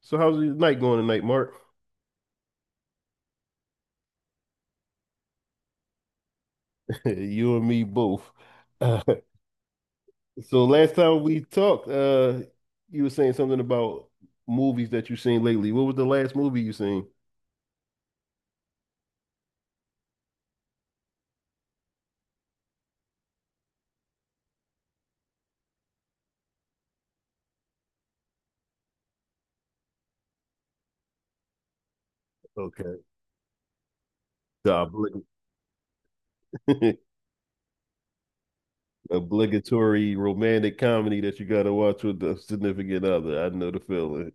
So how's your night going tonight, Mark? You and me both. Uh, So last time we talked, you were saying something about movies that you've seen lately. What was the last movie you seen? Okay. The oblig obligatory romantic comedy that you gotta watch with the significant other. I know the feeling.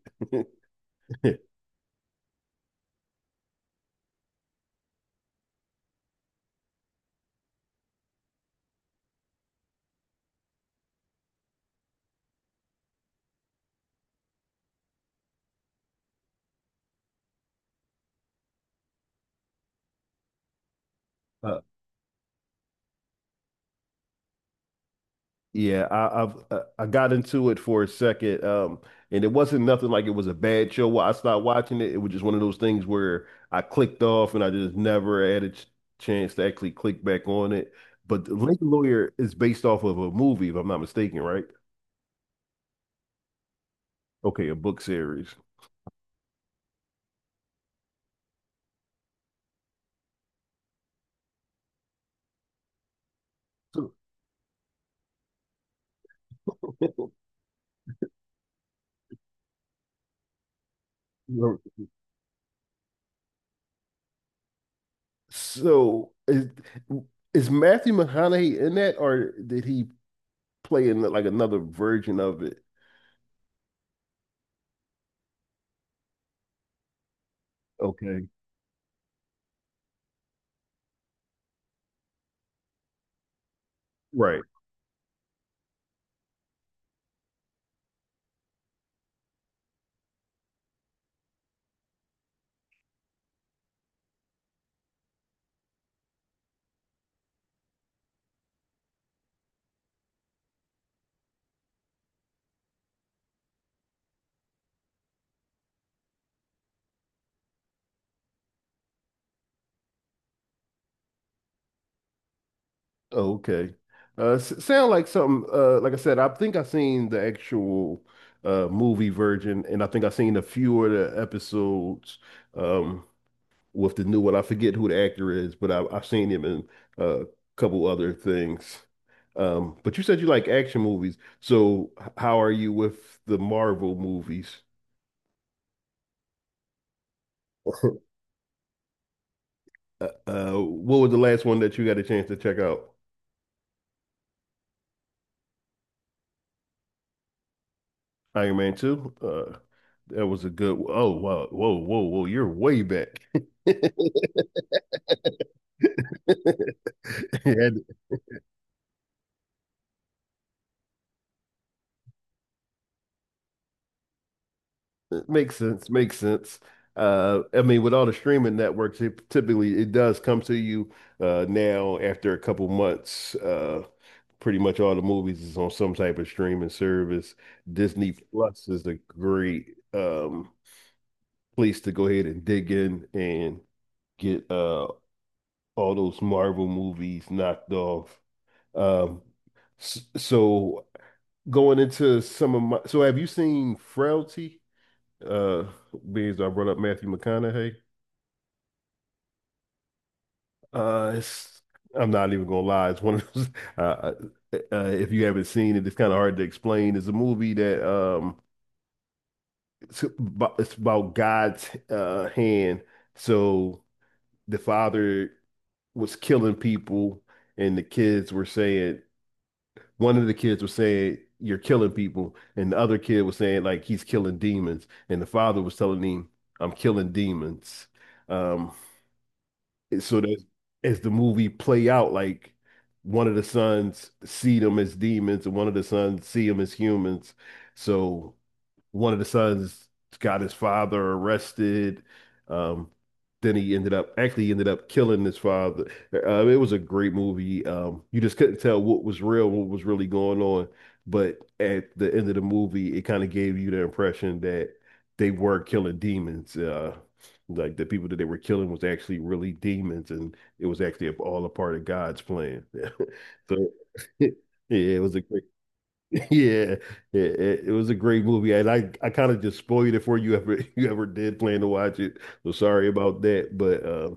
Uh, Yeah, I got into it for a second, and it wasn't nothing like it was a bad show. While I stopped watching it, it was just one of those things where I clicked off, and I just never had a ch chance to actually click back on it. But The Lincoln Lawyer is based off of a movie, if I'm not mistaken, right? Okay, a book series. So, you're- so is Matthew McConaughey in that, or did he play in like another version of it? Okay, right. Oh, okay. Sound like something. Like I said, I think I seen the actual movie version, and I think I seen a few of the episodes um with the new one. I forget who the actor is, but I've seen him in a couple other things. But you said you like action movies, so how are you with the Marvel movies? What was the last one that you got a chance to check out? Iron Man 2? That was a good. Oh, wow. Whoa, whoa, whoa. You're way back. And it makes sense. Makes sense. I mean, with all the streaming networks, it typically it does come to you now after a couple months. Pretty much all the movies is on some type of streaming service. Disney Plus is a great place to go ahead and dig in and get all those Marvel movies knocked off. Um, so going into some of my so have you seen Frailty? Uh Being as I brought up Matthew McConaughey. It's I'm not even gonna lie, it's one of those uh, if you haven't seen it, it's kind of hard to explain. It's a movie that it's about God's hand. So the father was killing people and the kids were saying one of the kids was saying you're killing people and the other kid was saying like he's killing demons and the father was telling him I'm killing demons um so that as the movie play out like one of the sons see them as demons and one of the sons see them as humans so one of the sons got his father arrested. Um, then he ended up actually ended up killing his father. It was a great movie. You just couldn't tell what was real, what was really going on. But at the end of the movie, it kind of gave you the impression that they were killing demons. Like the people that they were killing was actually really demons, and it was actually all a part of God's plan. So, yeah, it was a great. Yeah, it, it was a great movie, and I kind of just spoiled it for you ever you ever did plan to watch it. So sorry about that, but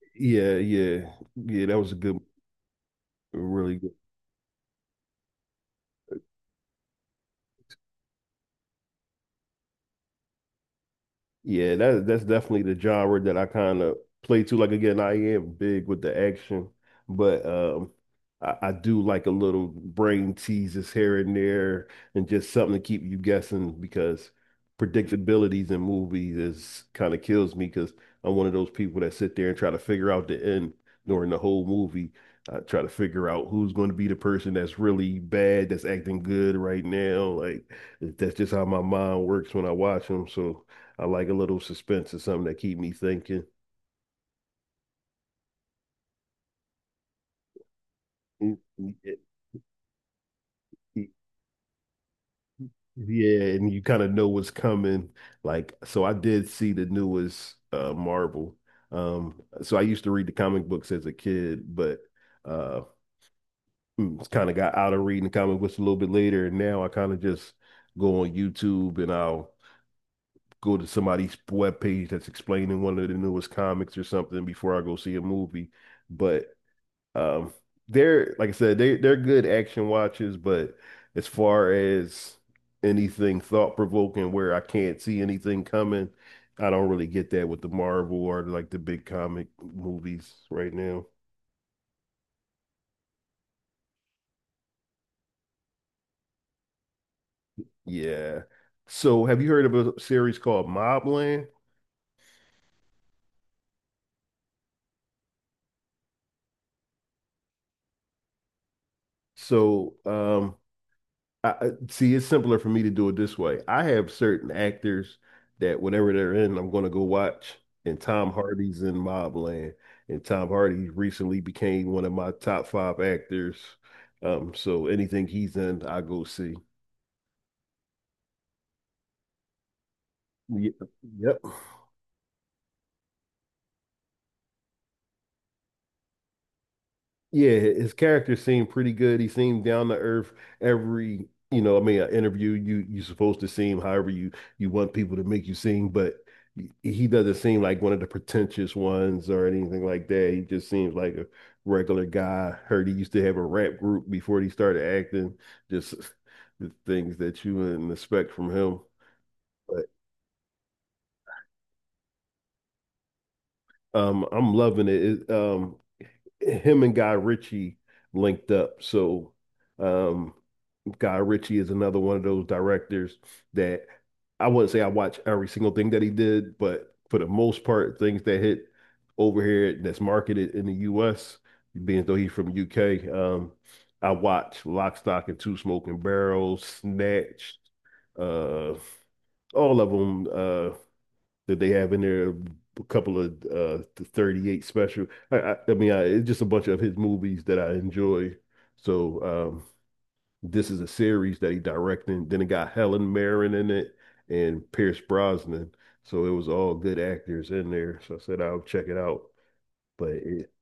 yeah, yeah, yeah, that was a good, really good. Yeah, that's definitely the genre that I kind of play to. Like again, I am big with the action, but I do like a little brain teases here and there and just something to keep you guessing because predictabilities in movies is kind of kills me because I'm one of those people that sit there and try to figure out the end during the whole movie. I try to figure out who's going to be the person that's really bad, that's acting good right now. Like that's just how my mind works when I watch them. So I like a little suspense or something that keep me thinking. Yeah, and you kind of know what's coming. Like, so I did see the newest Marvel. So I used to read the comic books as a kid, but uh, it's kind of got out of reading the comic books a little bit later. And now I kind of just go on YouTube and I'll go to somebody's webpage that's explaining one of the newest comics or something before I go see a movie. But Um, they're like I said, they're good action watches, but as far as anything thought provoking where I can't see anything coming, I don't really get that with the Marvel or like the big comic movies right now. Yeah. So have you heard of a series called Mobland? So I, see, it's simpler for me to do it this way. I have certain actors that whenever they're in, I'm going to go watch. And Tom Hardy's in Mobland, and Tom Hardy recently became one of my top 5 actors. So anything he's in, I go see. Ye- Yep. Yeah, his character seemed pretty good. He seemed down to earth every, you know, I mean, an interview you supposed to seem however you want people to make you seem, but he doesn't seem like one of the pretentious ones or anything like that. He just seems like a regular guy. Heard he used to have a rap group before he started acting. Just the things that you wouldn't expect from him. But I'm loving it. Him and Guy Ritchie linked up, so. Um, Guy Ritchie is another one of those directors that I wouldn't say I watch every single thing that he did, but for the most part, things that hit over here that's marketed in the US, being though he's from UK, I watch Lock, Stock, and Two Smoking Barrels, Snatch, uh, all of them that they have in there. A couple of the 38 special. I mean, it's just a bunch of his movies that I enjoy. So, this is a series that he directed. Then it got Helen Mirren in it and Pierce Brosnan. So it was all good actors in there. So I said I'll check it out. But it,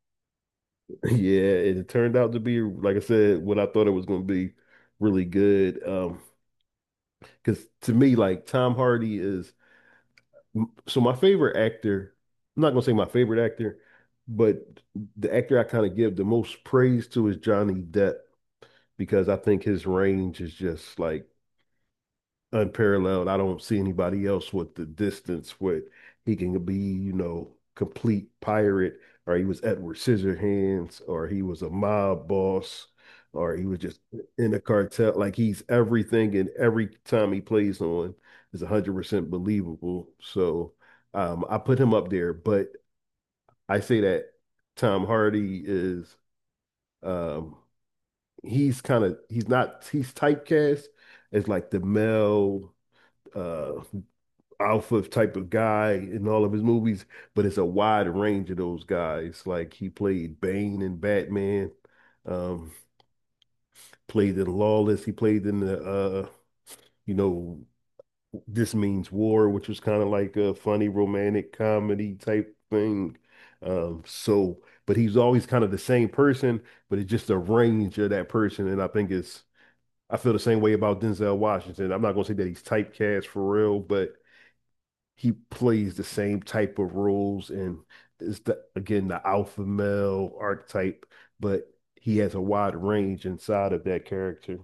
yeah, it turned out to be, like I said, what I thought it was going to be really good. Because to me, Tom Hardy is my favorite actor. I'm not gonna say my favorite actor, but the actor I kind of give the most praise to is Johnny Depp because I think his range is just like unparalleled. I don't see anybody else with the distance with he can be, you know, complete pirate, or he was Edward Scissorhands, or he was a mob boss, or he was just in a cartel. Like he's everything, and every time he plays on is 100% believable. So I put him up there, but I say that Tom Hardy is. Um, He's kind of he's not he's typecast as like the male uh alpha type of guy in all of his movies, but it's a wide range of those guys. Like he played Bane in Batman, um, played in Lawless, he played in the you know, This Means War, which was kind of like a funny romantic comedy type thing. But he's always kind of the same person, but it's just a range of that person, and I think it's I feel the same way about Denzel Washington. I'm not gonna say that he's typecast for real, but he plays the same type of roles and is the again the alpha male archetype, but he has a wide range inside of that character.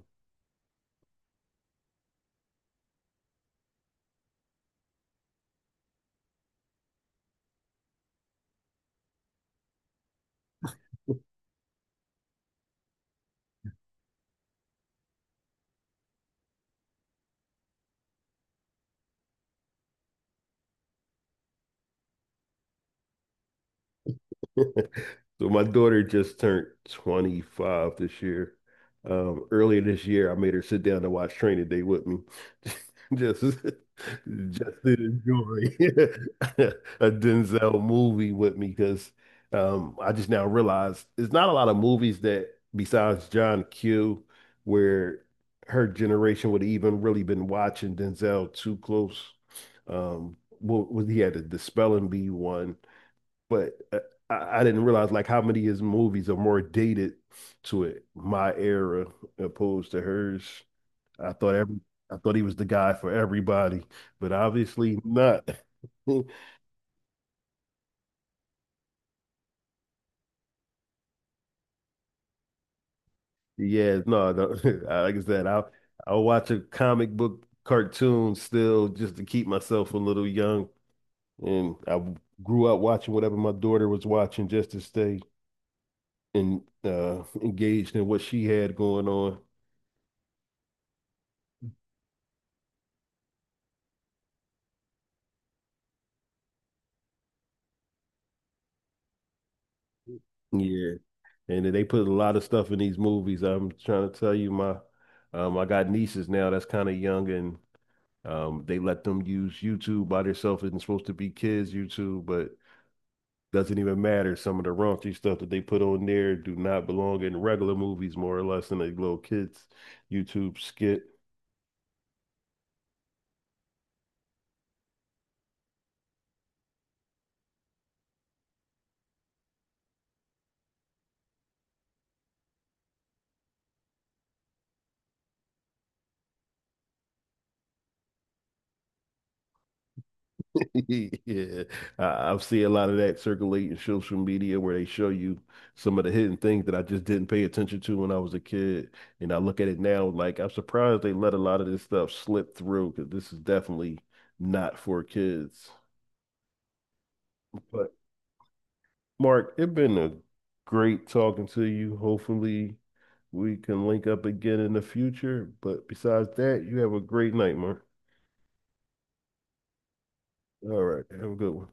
So my daughter just turned 25 this year. Earlier this year, I made her sit down and watch Training Day with me, just to enjoy a Denzel movie with me because I just now realized there's not a lot of movies that besides John Q where her generation would have even really been watching Denzel too close. What was he had the Spelling Bee one? But I didn't realize like how many of his movies are more dated to it, my era opposed to hers. I thought every I thought he was the guy for everybody, but obviously not. Yeah, no, no. Like I said, I'll watch a comic book cartoon still just to keep myself a little young. And I w- Grew up watching whatever my daughter was watching just to stay and engaged in what she had going on. Yeah. And they put a lot of stuff in these movies. I'm trying to tell you, my I got nieces now that's kind of young, and they let them use YouTube by themselves. It's supposed to be kids' YouTube, but doesn't even matter. Some of the raunchy stuff that they put on there do not belong in regular movies, more or less, than a little kids' YouTube skit. Yeah, I've seen a lot of that circulate in social media where they show you some of the hidden things that I just didn't pay attention to when I was a kid. And I look at it now, like I'm surprised they let a lot of this stuff slip through because this is definitely not for kids. But Mark, it's been a great talking to you. Hopefully, we can link up again in the future. But besides that, you have a great night, Mark. All right, have a good one.